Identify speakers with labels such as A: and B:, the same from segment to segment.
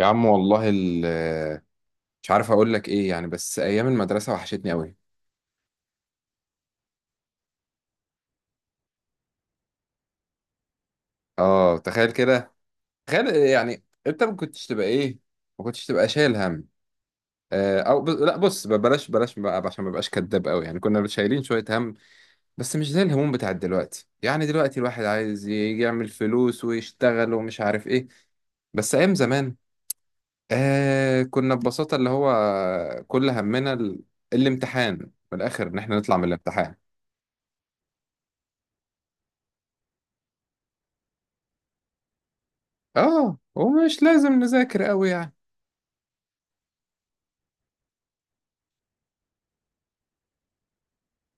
A: يا عم والله مش عارف اقول لك ايه، يعني بس ايام المدرسه وحشتني قوي. اه، تخيل كده. تخيل، يعني انت ما كنتش تبقى ايه، ما كنتش تبقى شايل هم. آه، لا بص، بلاش بلاش بقى عشان ما بقاش كداب قوي، يعني كنا شايلين شويه هم. بس مش زي الهموم بتاعت دلوقتي، يعني دلوقتي الواحد عايز يعمل فلوس ويشتغل ومش عارف ايه. بس ايام زمان، آه كنا ببساطه اللي هو كل همنا الامتحان. من الاخر، ان احنا نطلع من الامتحان. اه ومش لازم نذاكر قوي يعني.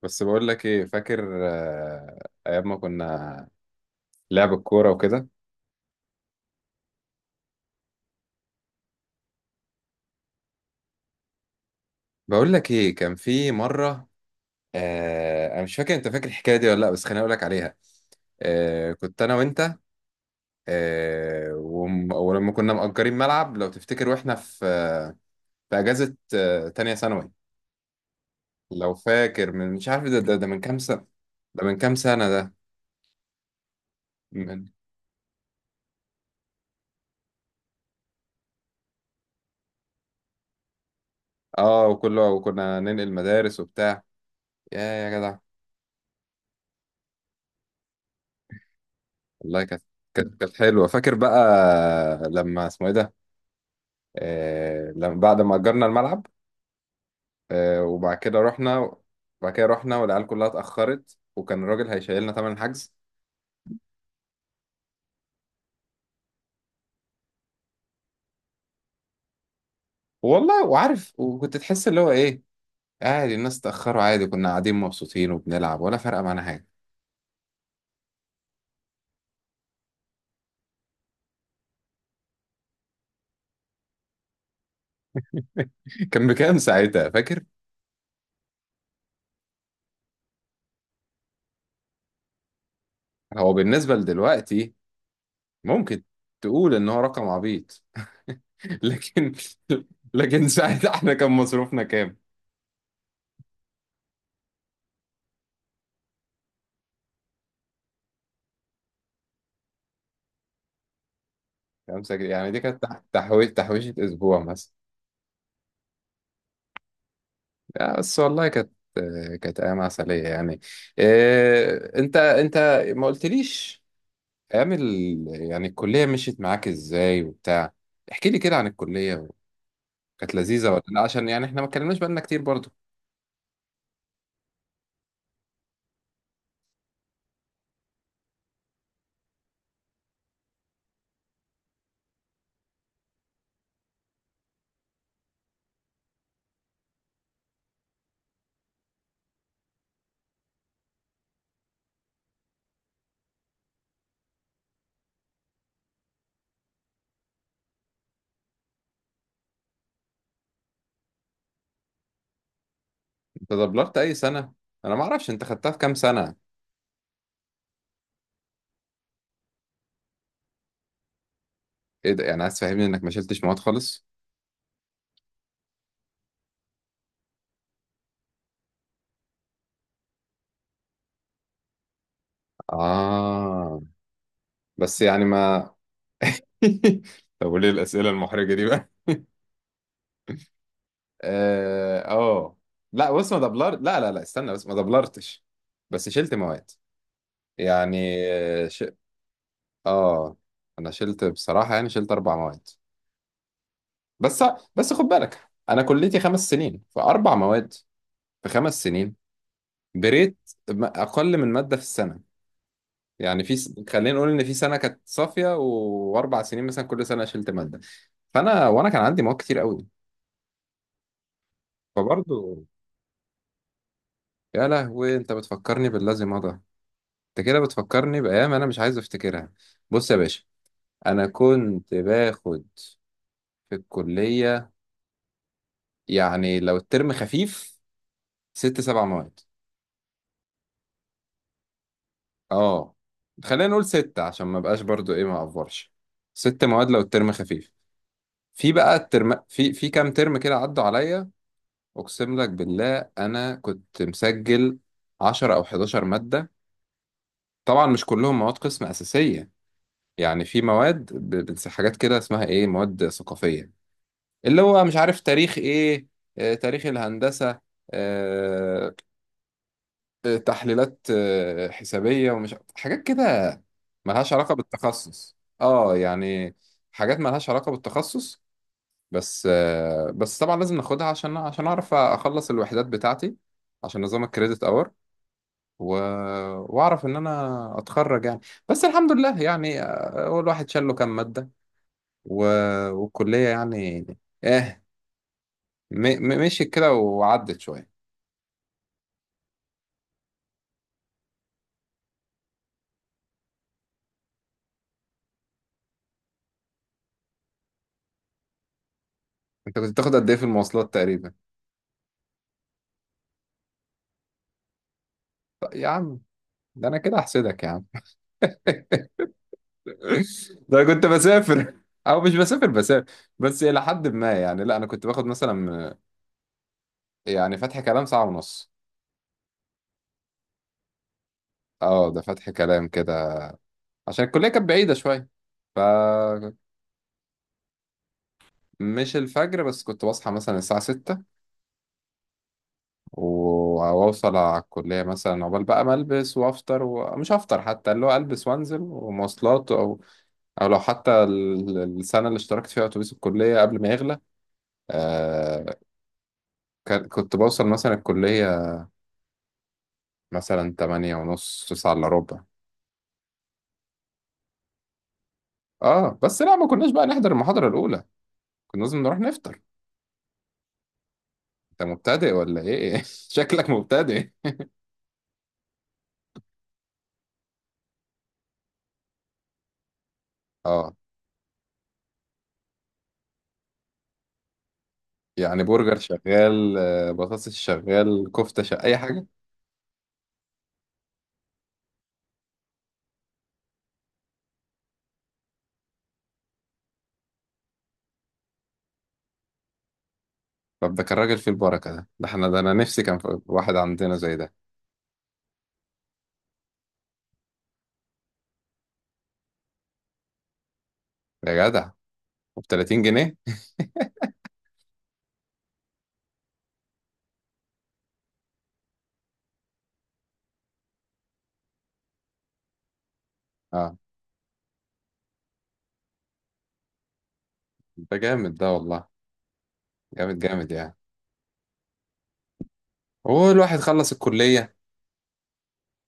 A: بس بقول لك ايه، فاكر؟ آه، ايام ما كنا لعب الكوره وكده. بقول لك ايه، كان في مره، آه انا مش فاكر انت فاكر الحكايه دي ولا لا، بس خليني اقول لك عليها. آه كنت انا وانت، ولما كنا مأجرين ملعب لو تفتكر، واحنا في في اجازه، آه تانية ثانوي. لو فاكر من مش عارف ده من كام سنه؟ ده من كام سنه ده؟ من اه وكله، وكنا ننقل مدارس وبتاع. يا يا جدع. والله كانت، كانت حلوه. فاكر بقى لما اسمه ايه ده، آه لما بعد ما اجرنا الملعب، آه وبعد كده رحنا. وبعد كده رحنا، والعيال كلها اتاخرت، وكان الراجل هيشيلنا تمن الحجز. والله، وعارف وكنت تحس اللي هو ايه، عادي. الناس اتاخروا عادي، كنا قاعدين مبسوطين وبنلعب، ولا فارقه معانا حاجه. كان بكام ساعتها، فاكر؟ هو بالنسبه لدلوقتي ممكن تقول ان هو رقم عبيط. لكن لكن ساعتها احنا كان مصروفنا كام؟ 5 جنيه، يعني دي كانت تحويش تحويشة أسبوع مثلا. لا، بس والله كانت، كانت أيام عسلية يعني. إيه، أنت ما قلتليش؟ أيام يعني الكلية مشيت معاك إزاي وبتاع، احكي لي كده عن الكلية. كانت لذيذة ولا لا؟ عشان يعني إحنا ما اتكلمناش بقالنا كتير برضو. أنت دبلرت أي سنة؟ أنا ما أعرفش أنت خدتها في كام سنة. إيه ده؟ يعني عايز تفهمني إنك ما شلتش مواد خالص؟ آه بس يعني ما... طب وليه الأسئلة المحرجة دي؟ اه، آه. لا بص، ما دبلرت، لا لا لا، استنى بس، ما دبلرتش، بس شلت مواد يعني. اه ش... آه. انا شلت بصراحة، يعني شلت 4 مواد. بس بس خد بالك انا كليتي 5 سنين، فاربع مواد في 5 سنين، بريت اقل من مادة في السنة. يعني خلينا نقول ان في سنة كانت صافية، و... واربع سنين مثلا كل سنة شلت مادة. فانا كان عندي مواد كتير قوي، فبرضه. يا لهوي، انت بتفكرني بالذي مضى. انت كده بتفكرني بأيام أنا مش عايز أفتكرها. بص يا باشا، أنا كنت باخد في الكلية، يعني لو الترم خفيف، ست سبع مواد. اه، خلينا نقول ستة، عشان ما بقاش برضو إيه، ما أفورش. ست مواد لو الترم خفيف. في بقى الترم، في كام ترم كده عدوا عليا، أقسم لك بالله أنا كنت مسجل 10 أو 11 مادة. طبعا مش كلهم مواد قسم أساسية، يعني في مواد حاجات كده اسمها إيه، مواد ثقافية، اللي هو مش عارف تاريخ ايه، آه تاريخ الهندسة، آه، تحليلات حسابية ومش حاجات كده، ملهاش علاقة بالتخصص. اه يعني حاجات ملهاش علاقة بالتخصص، بس آه، بس طبعا لازم ناخدها عشان اعرف اخلص الوحدات بتاعتي، عشان نظام الكريدت اور و... واعرف ان انا اتخرج يعني. بس الحمد لله يعني، هو الواحد شال له كام مادة و... والكلية يعني، اه، م... مشيت كده وعدت شوية. انت كنت بتاخد قد ايه في المواصلات تقريبا؟ طيب يا عم، ده انا كده احسدك يا عم. ده أنا كنت بسافر، او مش بسافر بسافر، بس الى حد ما يعني. لا، انا كنت باخد مثلا، يعني فتح كلام، ساعة ونص. اه ده فتح كلام كده، عشان الكلية كانت بعيدة شوية. فمش... الفجر، بس كنت بصحى مثلا الساعة 6، وأوصل على الكلية مثلا عقبال بقى ما ألبس وأفطر، ومش هفطر حتى، اللي هو ألبس وأنزل ومواصلات، أو لو حتى السنة اللي اشتركت فيها أتوبيس الكلية قبل ما يغلى، آه كنت بوصل مثلا الكلية مثلا 8:30، 8:45. اه بس لا، ما كناش بقى نحضر المحاضرة الأولى، كنا لازم نروح نفطر. أنت مبتدئ ولا إيه؟ شكلك مبتدئ. اه يعني برجر شغال، آه بطاطس شغال، كفتة شغال، أي حاجة. طب ده كان راجل فيه البركة ده، ده احنا ده، أنا نفسي كان في واحد عندنا زي ده. يا جدع، وب 30 جنيه! اه ده جامد ده والله، جامد جامد يعني. هو الواحد خلص الكلية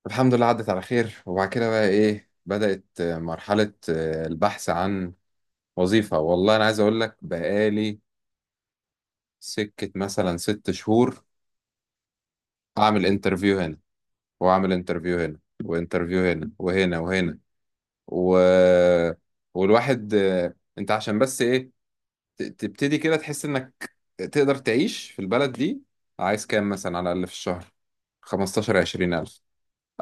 A: الحمد لله، عدت على خير. وبعد كده بقى ايه، بدأت مرحلة البحث عن وظيفة. والله انا عايز اقول لك، بقالي سكة مثلا 6 شهور، اعمل انترفيو هنا، واعمل انترفيو هنا، وانترفيو هنا وهنا وهنا، و... والواحد آه، انت عشان بس ايه، تبتدي كده تحس انك تقدر تعيش في البلد دي. عايز كام مثلا على الاقل في الشهر؟ 15 20 الف.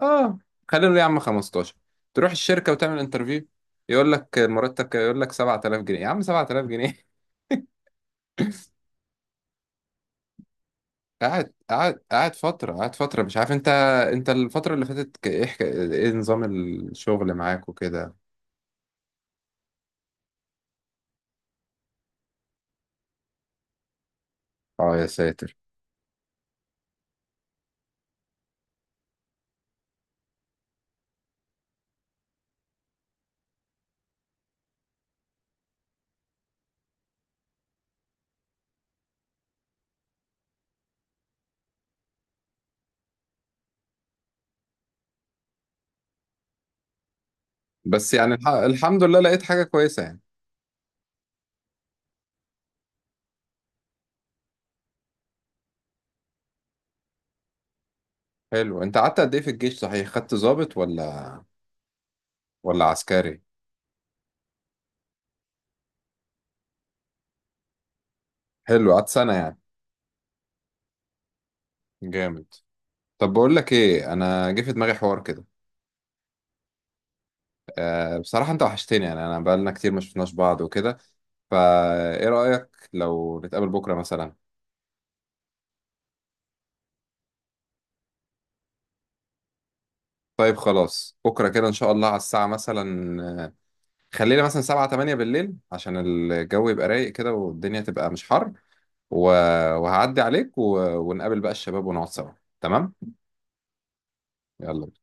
A: اه خلينا نقول يا عم 15. تروح الشركه وتعمل انترفيو، يقول لك المرتب كام؟ يقول لك 7000 جنيه، يا عم 7000 جنيه! قاعد فتره، قاعد فتره مش عارف انت... انت الفتره اللي فاتت، ايه نظام الشغل معاك وكده؟ اه يا ساتر. بس يعني الحمد لله لقيت حاجه كويسه يعني. حلو، انت قعدت قد ايه في الجيش صحيح، خدت ضابط ولا عسكري؟ حلو قعدت سنه يعني، جامد. طب بقول لك ايه، انا جه في دماغي حوار كده. أه بصراحه انت وحشتني يعني، انا بقالنا كتير ما شفناش بعض وكده، فايه رأيك لو نتقابل بكرة مثلا؟ طيب خلاص، بكرة كده إن شاء الله على الساعة مثلا، آه، خلينا مثلا سبعة تمانية بالليل، عشان الجو يبقى رايق كده والدنيا تبقى مش حر، و... وهعدي عليك، و... ونقابل بقى الشباب ونقعد سوا. تمام. يلا.